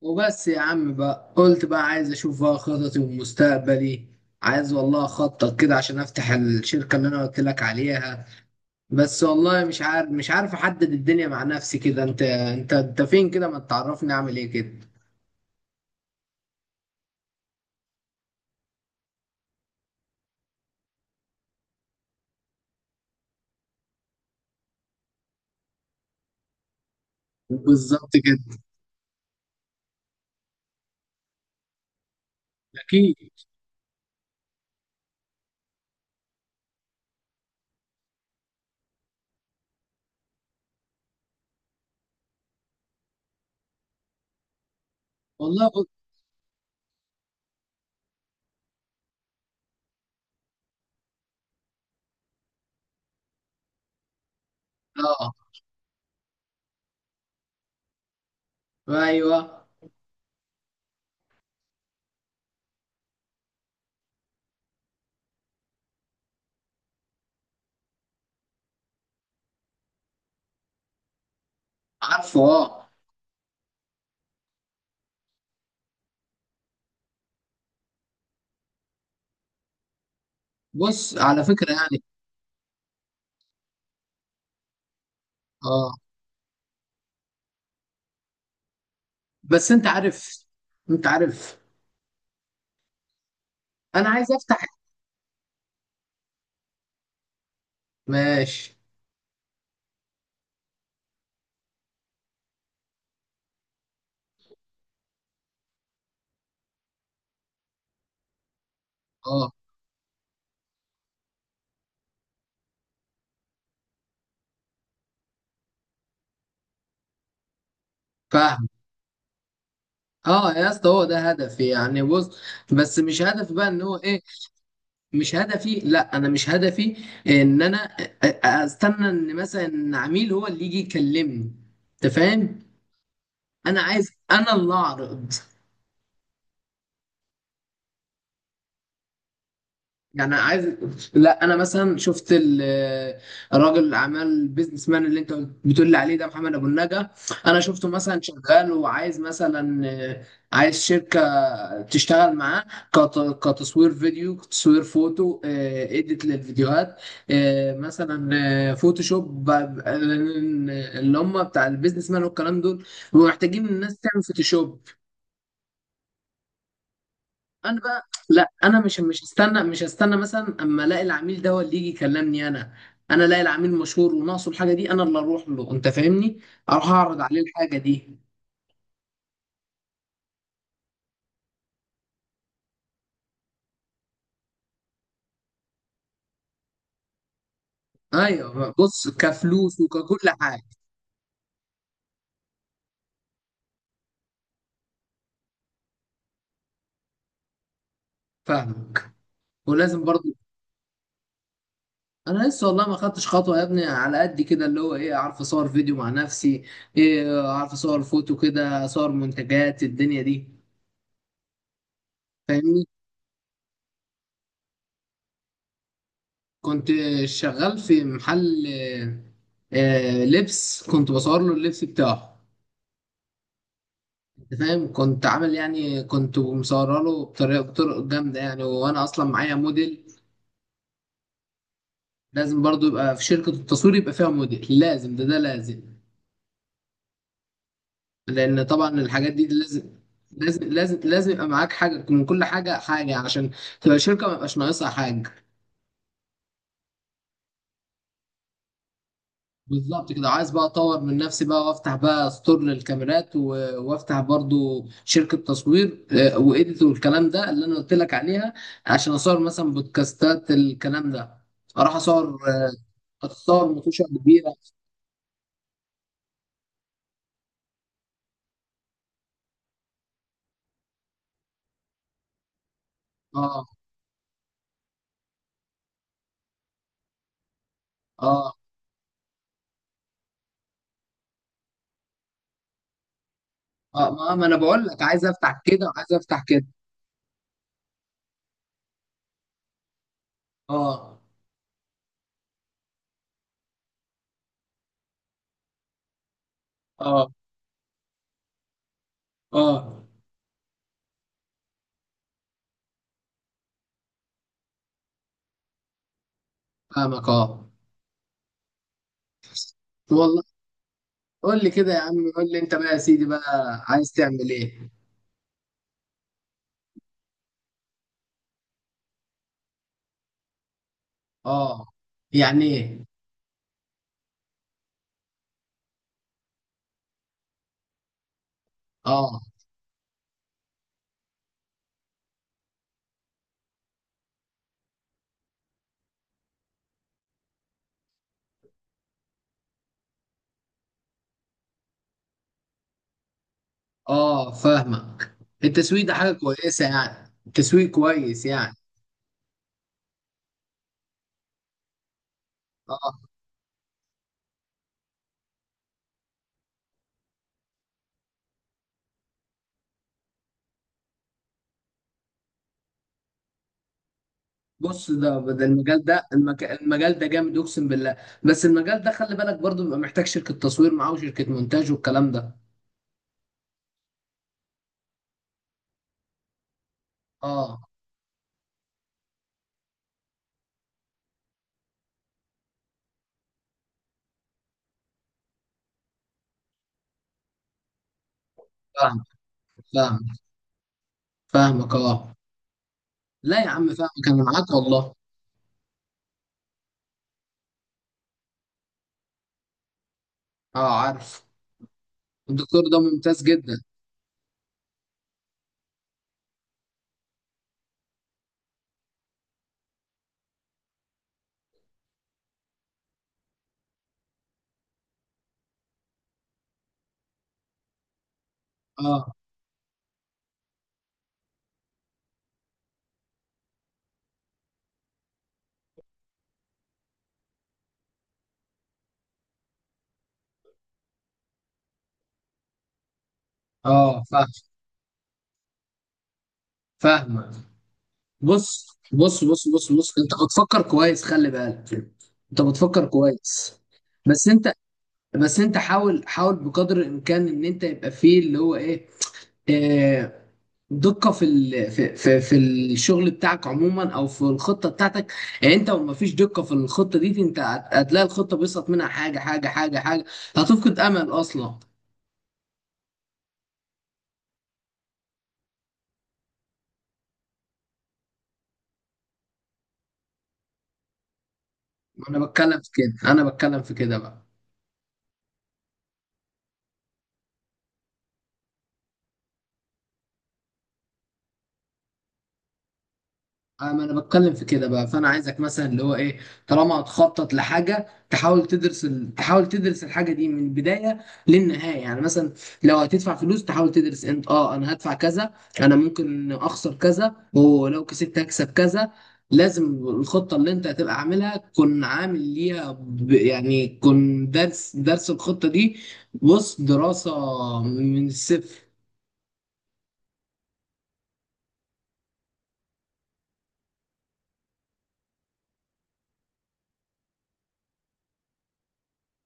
وبس يا عم بقى، قلت بقى عايز اشوف بقى خططي ومستقبلي. عايز والله اخطط كده عشان افتح الشركة اللي انا قلت لك عليها. بس والله مش عارف احدد الدنيا مع نفسي كده. انت فين كده؟ ما تعرفني اعمل ايه كده. بالظبط كده. اكيد. والله بص. اه. ايوه. عارفه، اه. بص، على فكرة يعني. اه. بس انت عارف. انت عارف. انا عايز افتح. ماشي. اه. فاهم. اه يا اسطى، هو ده هدفي يعني، بص. بس مش هدف بقى ان هو ايه. مش هدفي، لا انا مش هدفي. ان انا استنى ان مثلا عميل هو اللي يجي يكلمني. انت فاهم؟ انا عايز انا اللي اعرض. يعني عايز. لا، انا مثلا شفت الراجل الاعمال، البيزنس مان اللي انت بتقول لي عليه، ده محمد ابو النجا. انا شفته مثلا شغال وعايز مثلا. عايز شركه تشتغل معاه. كتصوير فيديو، تصوير فوتو، اديت للفيديوهات، مثلا. فوتوشوب اللي هم بتاع البيزنس مان والكلام دول، بيبقوا محتاجين الناس تعمل فوتوشوب. انا بقى، لا انا مش هستنى مثلا اما الاقي العميل ده هو اللي يجي يكلمني انا. انا الاقي العميل مشهور وناقصه الحاجه دي، انا اللي اروح له، انت فاهمني؟ اروح اعرض عليه الحاجه دي. ايوه بص، كفلوس وككل حاجه. فاهمك. ولازم برضو. انا لسه والله ما خدتش خطوه يا ابني، على قد كده اللي هو ايه، اعرف اصور فيديو مع نفسي، ايه اعرف اصور فوتو كده، اصور منتجات الدنيا دي. فاهمني؟ كنت شغال في محل لبس، كنت بصور له اللبس بتاعه. انت فاهم، كنت عامل يعني، كنت مصوره له بطرق جامده يعني، وانا اصلا معايا موديل. لازم برضو يبقى في شركه التصوير يبقى فيها موديل، لازم ده لازم. لان طبعا الحاجات دي لازم، لازم، لازم، لازم يبقى معاك حاجه من كل حاجه، حاجه عشان تبقى شركه ما يبقاش ناقصها حاجه. بالظبط كده، عايز بقى اطور من نفسي بقى، وافتح بقى ستور للكاميرات وافتح برضو شركة تصوير، وإيديت والكلام ده اللي انا قلت لك عليها، عشان اصور مثلا بودكاستات الكلام ده. اروح اصور. اصور مطوشة كبيرة. اه، اه، اه. ما انا بقول لك عايز افتح كده وعايز افتح كده. اه، اه، اه. فاهمك، اه. والله. قول لي كده يا عم، قول لي انت بقى يا سيدي بقى عايز تعمل ايه. اه. يعني ايه؟ اه، اه. فاهمك. التسويق ده حاجة كويسة يعني، التسويق كويس يعني. اه بص، ده المجال ده، المجال ده جامد اقسم بالله. بس المجال ده خلي بالك برضو، بيبقى محتاج شركة تصوير معاه وشركة مونتاج والكلام ده. اه، فاهم، فاهم، فاهمك، اه. لا يا عم فاهمك، انا معاك والله. اه، عارف. الدكتور ده ممتاز جدا. اه، اه، فاهم، فاهمك. بص، بص، بص، بص، بص، انت بتفكر كويس، خلي بالك. انت بتفكر كويس. بس انت، بس انت حاول، حاول بقدر الامكان ان انت يبقى فيه اللي هو ايه، آه، دقة في في الشغل بتاعك عموما، او في الخطة بتاعتك. يعني انت لو مفيش دقة في الخطة دي، انت هتلاقي الخطة بيسقط منها حاجة، حاجة، حاجة، حاجة، هتفقد امل اصلا. انا بتكلم في كده، انا بتكلم في كده بقى. ما انا بتكلم في كده بقى، فانا عايزك مثلا اللي هو ايه، طالما هتخطط لحاجه تحاول تدرس تحاول تدرس الحاجه دي من البدايه للنهايه. يعني مثلا لو هتدفع فلوس تحاول تدرس، انت اه انا هدفع كذا، انا ممكن اخسر كذا ولو كسبت هكسب كذا. لازم الخطه اللي انت هتبقى عاملها تكون عامل ليها يعني تكون درس الخطه دي. بص، دراسه من الصفر.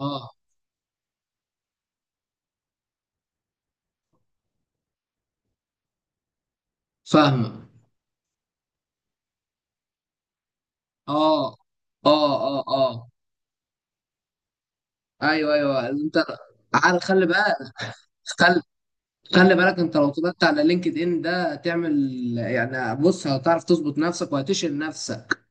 اه، فاهمه. اه، اه، اه، اه. ايوه، ايوه، انت عارف. خلي بقى، خلي، خلي بالك، انت لو طلعت على لينكد ان ده تعمل، يعني بص هتعرف تظبط نفسك وهتشيل نفسك.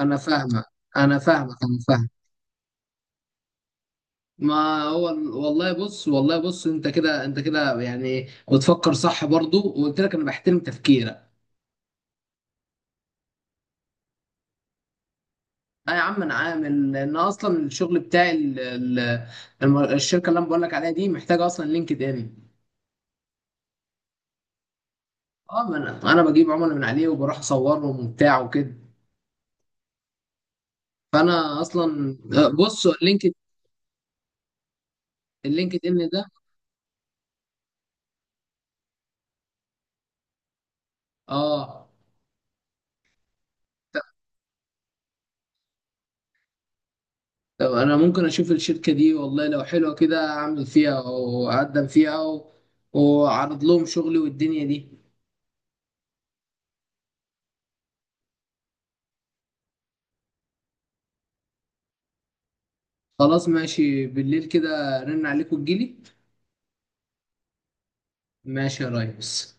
انا فاهمك، انا فاهمك، انا فاهم. ما هو والله بص، والله بص، انت كده، انت كده يعني بتفكر صح برضو، وقلت لك انا بحترم تفكيرك. اه يا عم انا عامل، لان اصلا الشغل بتاعي الشركه اللي انا بقول لك عليها دي محتاجه اصلا لينكد ان. اه، ما انا بجيب عملاء من عليه وبروح اصورهم وبتاع وكده. فانا اصلا، بص، اللينكد ان ده. اه، طب انا ممكن اشوف الشركه دي، والله لو حلوه كده اعمل فيها واقدم فيها واعرض لهم شغلي والدنيا دي. خلاص ماشي، بالليل كده رن عليكم تجيلي. ماشي يا ريس.